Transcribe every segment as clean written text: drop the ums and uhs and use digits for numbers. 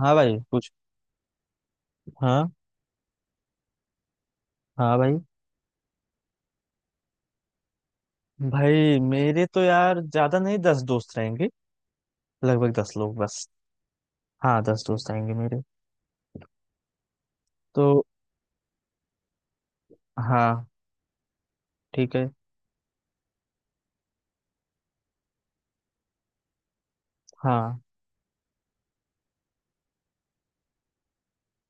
हाँ भाई, कुछ? हाँ। हाँ भाई। भाई, मेरे तो यार ज्यादा नहीं, 10 दोस्त रहेंगे। लगभग 10 लोग बस। हाँ, दस दोस्त आएंगे मेरे। तो हाँ, ठीक है। हाँ।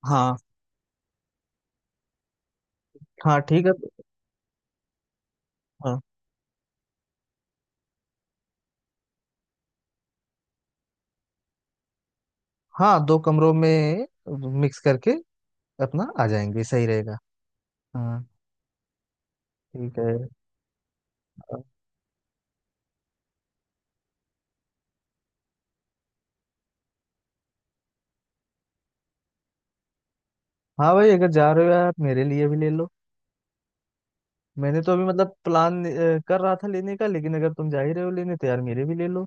हाँ। हाँ, ठीक है। हाँ। हाँ, दो कमरों में मिक्स करके अपना आ जाएंगे, सही रहेगा। हाँ, ठीक है। हाँ भाई, अगर जा रहे हो यार, मेरे लिए भी ले लो। मैंने तो अभी मतलब प्लान कर रहा था लेने का, लेकिन अगर तुम जा ही रहे हो लेने तो यार मेरे भी ले लो।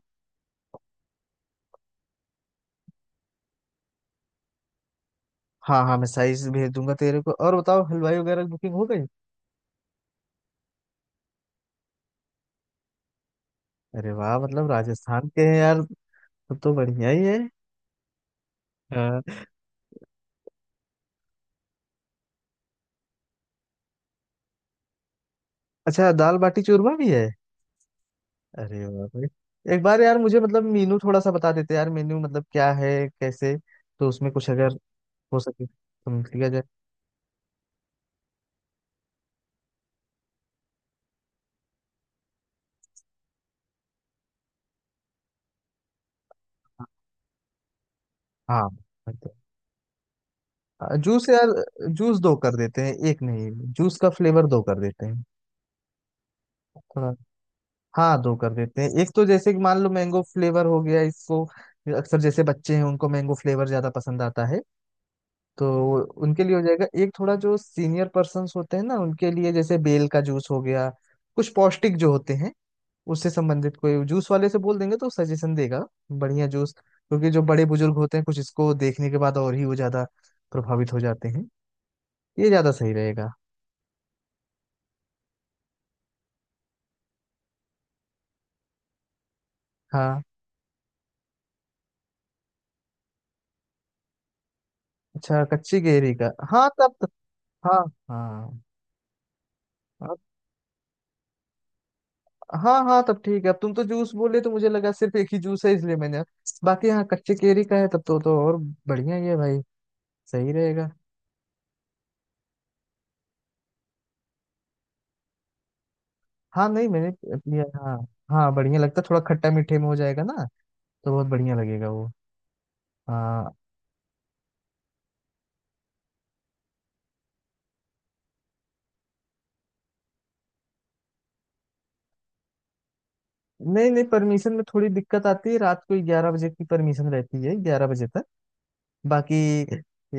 हाँ हाँ, मैं साइज भेज दूंगा तेरे को। और बताओ हलवाई वगैरह की बुकिंग हो गई? अरे वाह, मतलब राजस्थान के हैं यार। तब तो बढ़िया ही है। हाँ। अच्छा, दाल बाटी चूरमा भी है? अरे वाह भाई। एक बार यार मुझे मतलब मेनू थोड़ा सा बता देते यार, मेन्यू मतलब क्या है, कैसे, तो उसमें कुछ अगर हो सके तो लिया जाए। हाँ। तो, जूस यार। जूस दो कर देते हैं, एक नहीं। जूस का फ्लेवर दो कर देते हैं थोड़ा। हाँ, दो कर देते हैं। एक तो जैसे कि मान लो मैंगो फ्लेवर हो गया इसको, अक्सर जैसे बच्चे हैं उनको मैंगो फ्लेवर ज्यादा पसंद आता है, तो उनके लिए हो जाएगा एक। थोड़ा जो सीनियर पर्सन्स होते हैं ना, उनके लिए जैसे बेल का जूस हो गया, कुछ पौष्टिक जो होते हैं उससे संबंधित कोई जूस वाले से बोल देंगे तो सजेशन देगा बढ़िया जूस। क्योंकि जो बड़े बुजुर्ग होते हैं कुछ इसको देखने के बाद और ही वो ज्यादा प्रभावित हो जाते हैं। ये ज्यादा सही रहेगा। हाँ। अच्छा, कच्ची गहरी का, हाँ तब तब- हाँ। हाँ। अब हाँ हाँ, तब ठीक है। अब तुम तो जूस बोले तो मुझे लगा सिर्फ एक ही जूस है, इसलिए मैंने। बाकी हाँ, कच्ची केरी का है तब तो और बढ़िया ही है भाई। सही रहेगा। हाँ नहीं मैंने लिया। हाँ। हाँ बढ़िया लगता, थोड़ा खट्टा मीठे में हो जाएगा ना, तो बहुत बढ़िया लगेगा वो। हाँ। नहीं नहीं, परमिशन में थोड़ी दिक्कत आती है। रात को 11 बजे की परमिशन रहती है, 11 बजे तक। बाकी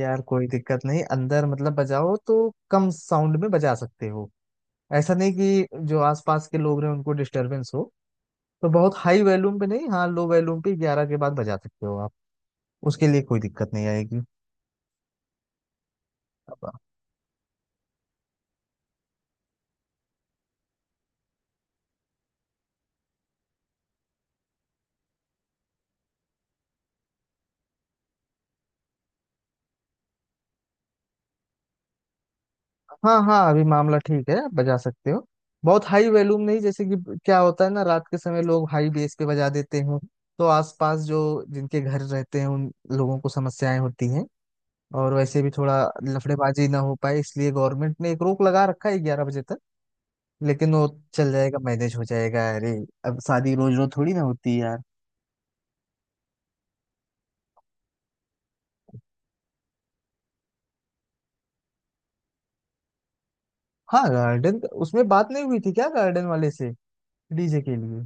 यार कोई दिक्कत नहीं, अंदर मतलब बजाओ तो कम साउंड में बजा सकते हो। ऐसा नहीं कि जो आसपास के लोग रहे उनको डिस्टरबेंस हो, तो बहुत हाई वॉल्यूम पे नहीं। हाँ, लो वॉल्यूम पे 11 के बाद बजा सकते हो आप। उसके लिए कोई दिक्कत नहीं आएगी। हाँ हाँ, अभी मामला ठीक है, आप बजा सकते हो। बहुत हाई वॉल्यूम नहीं, जैसे कि क्या होता है ना, रात के समय लोग हाई बेस पे बजा देते हैं तो आसपास जो जिनके घर रहते हैं उन लोगों को समस्याएं होती हैं। और वैसे भी थोड़ा लफड़ेबाजी ना हो पाए, इसलिए गवर्नमेंट ने एक रोक लगा रखा है 11 बजे तक। लेकिन वो चल जाएगा, मैनेज हो जाएगा। अरे, अब शादी रोज रोज थोड़ी ना होती है यार। हाँ, गार्डन, उसमें बात नहीं हुई थी क्या गार्डन वाले से डीजे के लिए?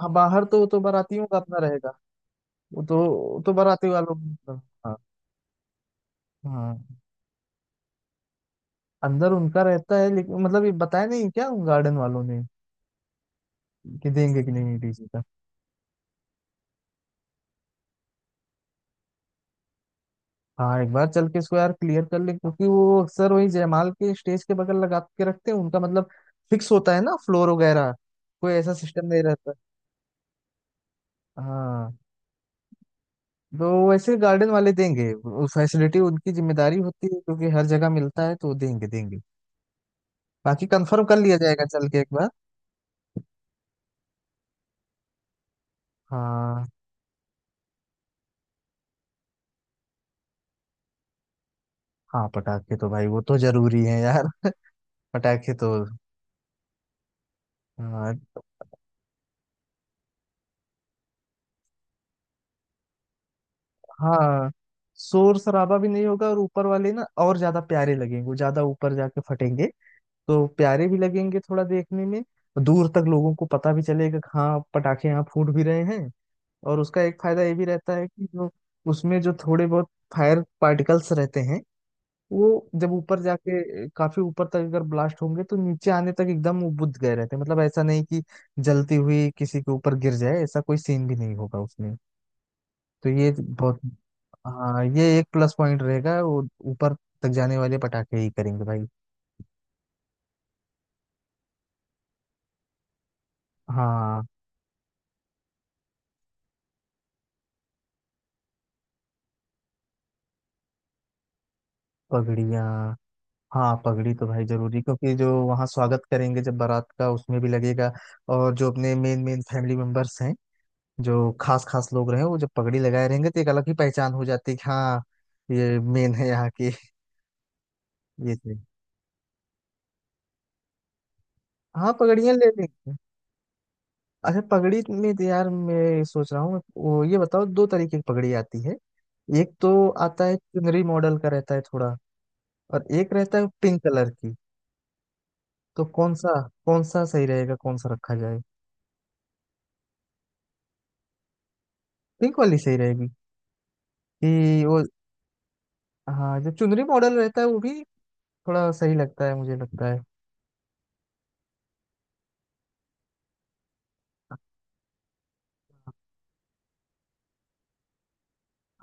हाँ, बाहर तो वो तो बारातियों का अपना रहेगा। वो तो बाराती वालों का। हाँ, अंदर उनका रहता है, लेकिन मतलब ये बताया नहीं क्या गार्डन वालों ने कि देंगे कि नहीं डीजे का? हाँ, एक बार चल के इसको यार क्लियर कर ले, क्योंकि वो अक्सर वही जयमाल के स्टेज के बगल लगा के रखते हैं, उनका मतलब फिक्स होता है ना फ्लोर वगैरह, कोई ऐसा सिस्टम नहीं रहता। हाँ, तो वैसे गार्डन वाले देंगे वो फैसिलिटी, उनकी जिम्मेदारी होती है, क्योंकि हर जगह मिलता है, तो वो देंगे देंगे। बाकी कंफर्म कर लिया जाएगा चल के एक बार। हाँ हाँ, पटाखे तो भाई वो तो जरूरी है यार पटाखे तो। हाँ। हाँ, शोर शराबा भी नहीं होगा, और ऊपर वाले ना और ज्यादा प्यारे लगेंगे, वो ज्यादा ऊपर जाके फटेंगे तो प्यारे भी लगेंगे थोड़ा देखने में। दूर तक लोगों को पता भी चलेगा कि हाँ पटाखे यहाँ फूट भी रहे हैं। और उसका एक फायदा ये भी रहता है कि जो उसमें जो थोड़े बहुत फायर पार्टिकल्स रहते हैं, वो जब ऊपर जाके काफी ऊपर तक अगर ब्लास्ट होंगे तो नीचे आने तक एकदम वो बुझ गए रहते हैं। मतलब ऐसा नहीं कि जलती हुई किसी के ऊपर गिर जाए, ऐसा कोई सीन भी नहीं होगा उसमें। तो ये बहुत। हाँ, ये एक प्लस पॉइंट रहेगा। वो ऊपर तक जाने वाले पटाखे ही करेंगे भाई। हाँ, पगड़ियाँ। हाँ, पगड़ी तो भाई जरूरी, क्योंकि जो वहाँ स्वागत करेंगे जब बारात का, उसमें भी लगेगा। और जो अपने मेन मेन फैमिली मेंबर्स हैं, जो खास खास लोग रहे हैं, वो जब पगड़ी लगाए रहेंगे तो एक अलग ही पहचान हो जाती है कि हाँ, ये मेन है यहाँ के, ये थे। हाँ, पगड़ियाँ ले लेंगे। अच्छा, पगड़ी में तो यार मैं सोच रहा हूँ। वो ये बताओ, दो तरीके की पगड़ी आती है, एक तो आता है चुनरी मॉडल का रहता है थोड़ा, और एक रहता है पिंक कलर की। तो कौन सा, कौन सा सही रहेगा, कौन सा रखा जाए? पिंक वाली सही रहेगी, कि वो। हाँ, जो चुनरी मॉडल रहता है वो भी थोड़ा सही लगता है, मुझे लगता है।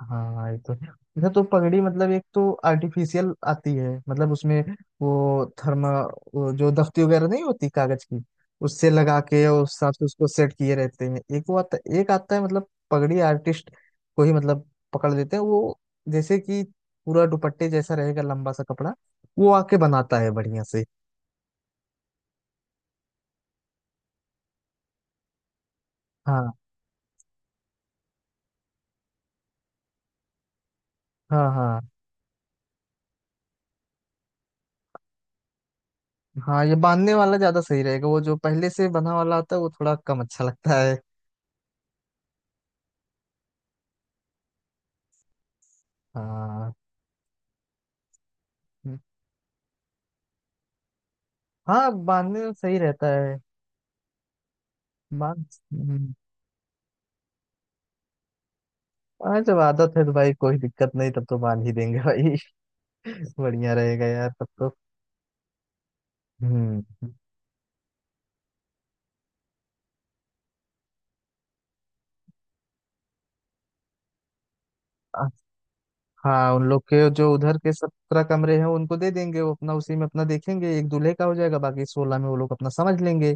हाँ, ये तो है। अच्छा, तो पगड़ी मतलब एक तो आर्टिफिशियल आती है, मतलब उसमें वो थर्मा, वो जो दफ्ती वगैरह नहीं होती कागज की, उससे लगा के और उस हिसाब से उसको सेट किए रहते हैं। एक वो आता, एक आता है मतलब पगड़ी आर्टिस्ट को ही मतलब पकड़ लेते हैं वो, जैसे कि पूरा दुपट्टे जैसा रहेगा लंबा सा कपड़ा, वो आके बनाता है बढ़िया से। हाँ हाँ हाँ हाँ, ये बांधने वाला ज्यादा सही रहेगा। वो जो पहले से बना वाला आता है वो थोड़ा कम अच्छा लगता है। हाँ हाँ, बांधने में सही रहता है। बांध हम्म, हाँ, जब आदत है तो भाई कोई दिक्कत नहीं, तब तो बांध ही देंगे भाई बढ़िया रहेगा यार तब तो। हम्म। अ- हाँ, उन लोग के जो उधर के 17 कमरे हैं उनको दे देंगे, वो अपना उसी में अपना देखेंगे, एक दूल्हे का हो जाएगा, बाकी 16 में वो लोग अपना समझ लेंगे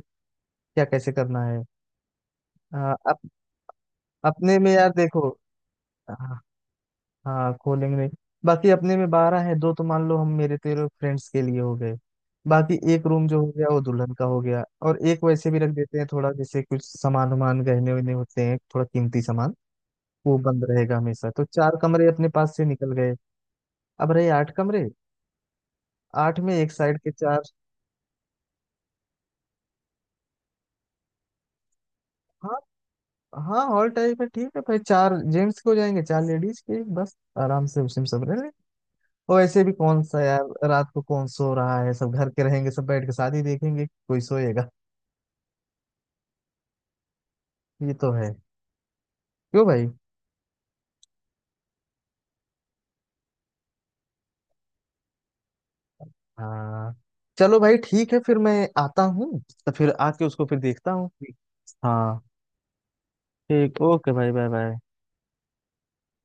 क्या कैसे करना है। अ, अप, अपने में यार देखो। हाँ, खोलेंगे नहीं। बाकी अपने में 12 है, दो तो मान लो हम मेरे तेरे फ्रेंड्स के लिए हो गए, बाकी एक रूम जो हो गया वो दुल्हन का हो गया, और एक वैसे भी रख देते हैं, थोड़ा जैसे कुछ सामान वामान, गहने वहने होते हैं, थोड़ा कीमती सामान, वो बंद रहेगा हमेशा। तो चार कमरे अपने पास से निकल गए, अब रहे आठ कमरे। आठ में एक साइड के चार। हाँ हाँ, हॉल टाइप है, ठीक है भाई, चार जेंट्स के हो जाएंगे, चार लेडीज के बस, आराम से उसी में सब रह लें। और ऐसे भी कौन सा यार रात को कौन सो रहा है, सब घर के रहेंगे, सब बैठ के शादी देखेंगे, कोई सोएगा? ये तो है। क्यों भाई? हाँ, चलो भाई ठीक है, फिर मैं आता हूँ, तो फिर आके उसको फिर देखता हूँ। हाँ। ठीक, ओके भाई, बाय बाय।